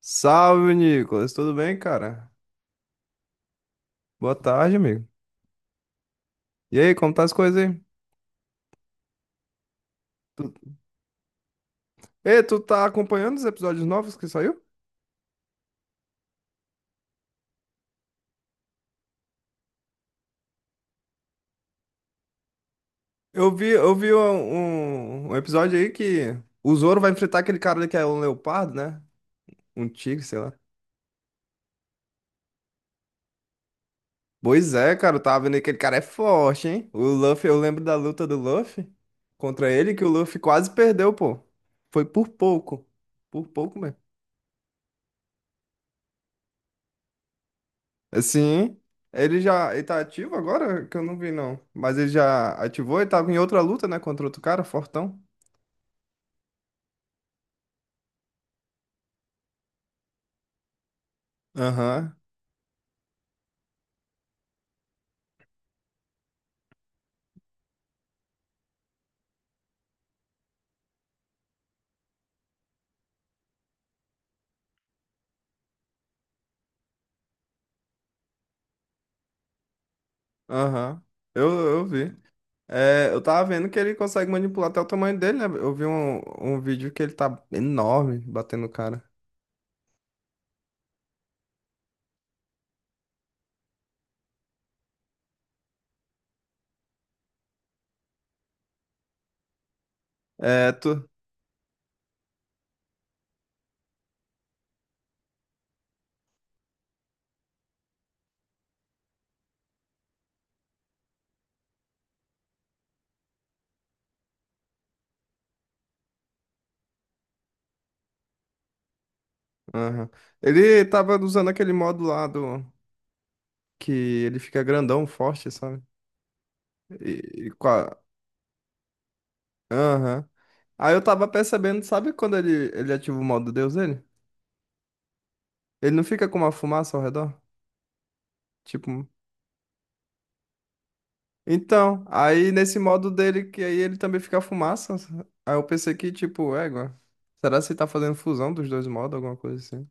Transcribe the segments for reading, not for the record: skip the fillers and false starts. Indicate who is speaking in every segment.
Speaker 1: Salve, Nicolas. Tudo bem, cara? Boa tarde, amigo. E aí, como tá as coisas aí? Ei, tu tá acompanhando os episódios novos que saiu? Eu vi um, um episódio aí que o Zoro vai enfrentar aquele cara ali que é um leopardo, né? Um tigre, sei lá. Pois é, cara, eu tava vendo que aquele cara é forte, hein? O Luffy, eu lembro da luta do Luffy contra ele, que o Luffy quase perdeu, pô. Foi por pouco. Por pouco mesmo. Sim. Ele já. Ele tá ativo agora? Que eu não vi, não. Mas ele já ativou e tava em outra luta, né? Contra outro cara, Fortão. Aham. Aham. Eu vi. É, eu tava vendo que ele consegue manipular até o tamanho dele, né? Eu vi um, um vídeo que ele tá enorme batendo o cara. É, tu. Aham. Ele tava usando aquele modo lá do. Que ele fica grandão, forte, sabe? E com a. Aham. Aí eu tava percebendo, sabe quando ele ativa o modo Deus dele? Ele não fica com uma fumaça ao redor? Tipo. Então, aí nesse modo dele, que aí ele também fica fumaça. Aí eu pensei que, tipo, égua. Será que você tá fazendo fusão dos dois modos, alguma coisa assim?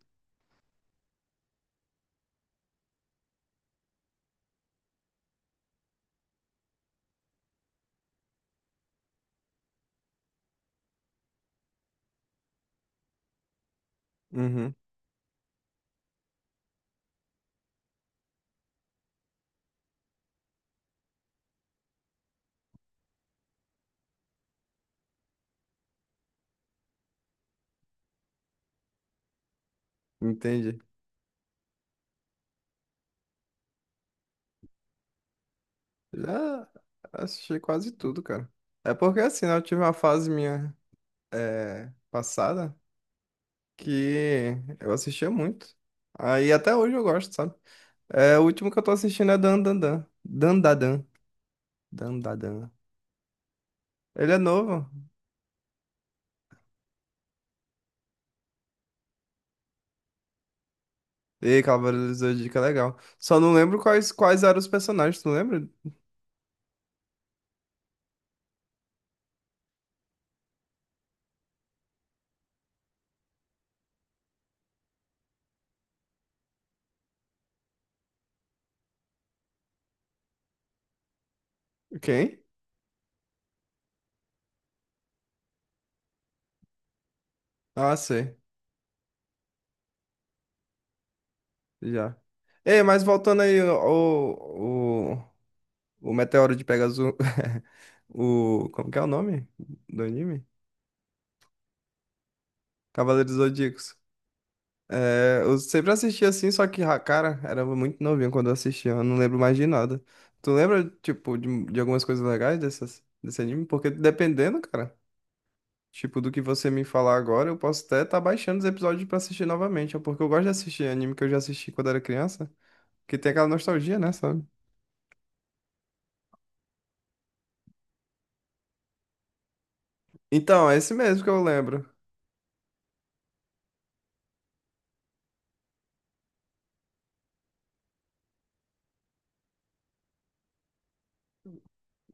Speaker 1: Uhum, entendi. Já assisti quase tudo, cara. É porque assim, né, eu tive uma fase minha passada que eu assistia muito. Aí até hoje eu gosto, sabe? É, o último que eu tô assistindo é Dan Dan Dan. Dan Dan Dan. Dan Dan Dan. Ele é novo. E Cavaleiros do Zodíaco é legal. Só não lembro quais, quais eram os personagens, tu lembra? Quem? Ah, sei. Já. Ei, mas voltando aí, o Meteoro de Pegasus. O. Como que é o nome do anime? Cavaleiros do Zodíacos. É, eu sempre assisti assim, só que, ah, cara, era muito novinho quando eu assistia, eu não lembro mais de nada. Tu lembra, tipo, de algumas coisas legais dessas, desse anime? Porque dependendo, cara. Tipo, do que você me falar agora, eu posso até estar baixando os episódios pra assistir novamente, ó, porque eu gosto de assistir anime que eu já assisti quando era criança, que tem aquela nostalgia, né, sabe? Então, é esse mesmo que eu lembro.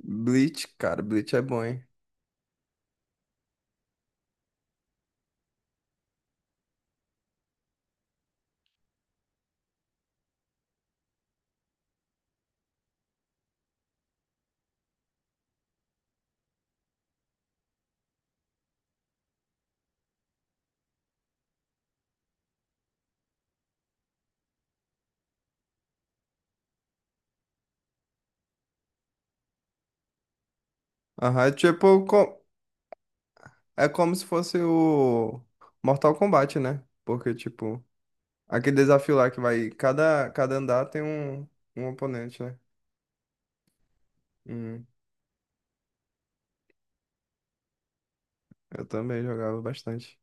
Speaker 1: Bleach, cara, Bleach é bom, hein? Aham, é tipo, co- é como se fosse o Mortal Kombat, né? Porque, tipo, aquele desafio lá que vai, cada, cada andar tem um, um oponente, né? Hum, eu também jogava bastante.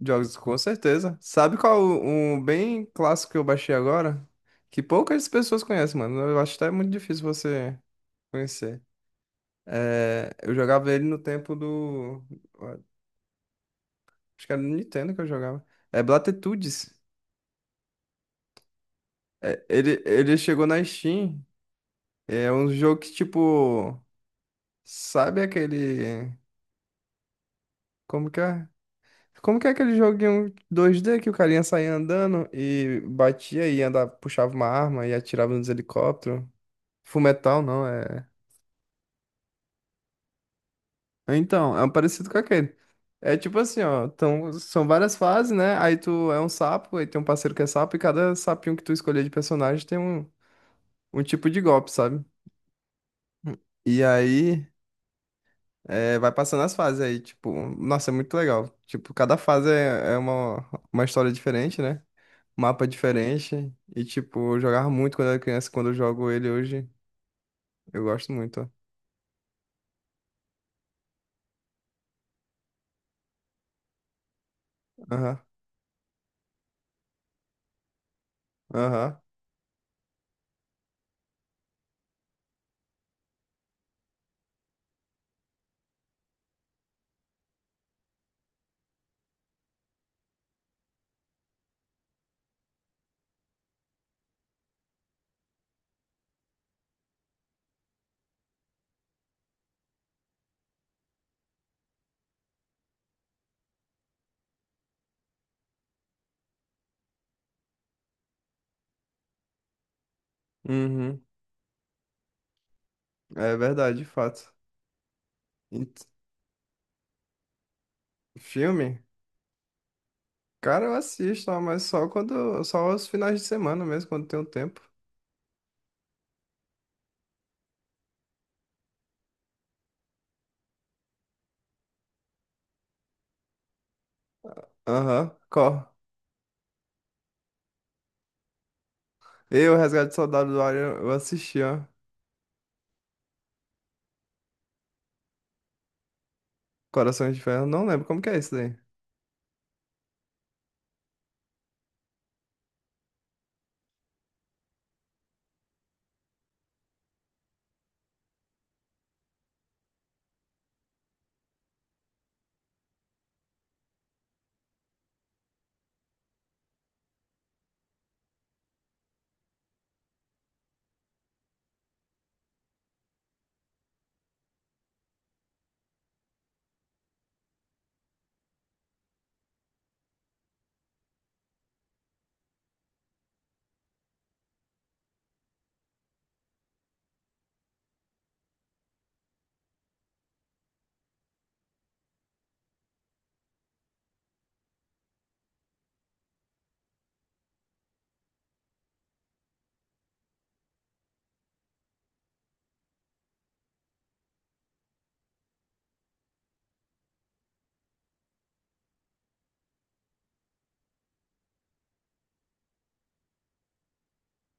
Speaker 1: Jogos, com certeza. Sabe qual um bem clássico que eu baixei agora? Que poucas pessoas conhecem, mano. Eu acho até muito difícil você conhecer. É, eu jogava ele no tempo do. Acho que era no Nintendo que eu jogava. É Blatitudes. É, ele chegou na Steam. É um jogo que, tipo. Sabe aquele. Como que é? Como que é aquele joguinho 2D que o carinha saía andando e batia e andava, puxava uma arma e atirava nos helicópteros? Fullmetal não, é. Então, é um parecido com aquele. É tipo assim, ó. Então, são várias fases, né? Aí tu é um sapo, aí tem um parceiro que é sapo, e cada sapinho que tu escolher de personagem tem um, um tipo de golpe, sabe? E aí é, vai passando as fases aí, tipo, nossa, é muito legal. Tipo, cada fase é, é uma história diferente, né? Mapa diferente. E, tipo, eu jogava muito quando era criança, quando eu jogo ele hoje, eu gosto muito, ó. Aham, aham. Uhum. É verdade, de fato. Filme? Cara, eu assisto, ó, mas só quando, só aos finais de semana mesmo, quando tem um tempo. Aham, qual? Eu, Resgate do Soldado do Ar, eu assisti, ó. Corações de Ferro, não lembro como que é isso daí.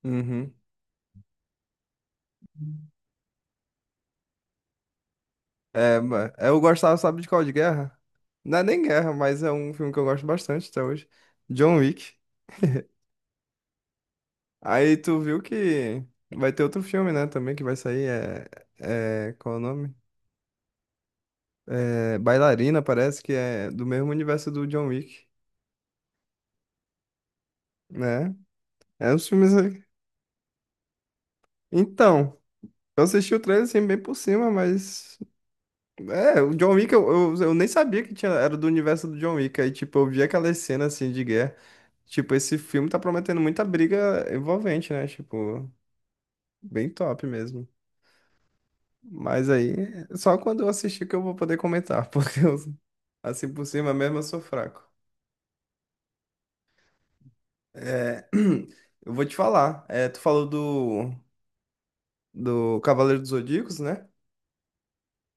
Speaker 1: Uhum. É, ma- eu gostava, sabe de qual? De guerra? Não é nem guerra, mas é um filme que eu gosto bastante até hoje. John Wick. Aí tu viu que vai ter outro filme, né, também que vai sair, é... é qual é o nome? É, Bailarina, parece que é do mesmo universo do John Wick, né? É, os filmes. É, Então, eu assisti o trailer assim, bem por cima, mas. É, o John Wick, eu nem sabia que tinha, era do universo do John Wick. Aí, tipo, eu vi aquelas cenas assim de guerra. Tipo, esse filme tá prometendo muita briga envolvente, né? Tipo, bem top mesmo. Mas aí, só quando eu assistir que eu vou poder comentar, porque eu- assim por cima mesmo eu sou fraco. É, eu vou te falar. É, tu falou do, do Cavaleiro dos Zodíacos, né?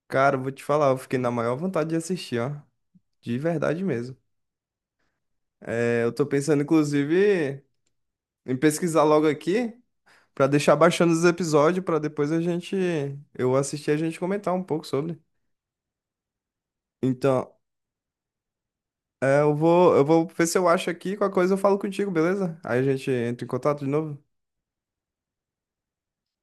Speaker 1: Cara, eu vou te falar, eu fiquei na maior vontade de assistir, ó. De verdade mesmo. É, eu tô pensando, inclusive, em pesquisar logo aqui pra deixar baixando os episódios pra depois a gente eu assistir e a gente comentar um pouco sobre. Então, é, eu vou ver se eu acho aqui, qualquer coisa eu falo contigo, beleza? Aí a gente entra em contato de novo.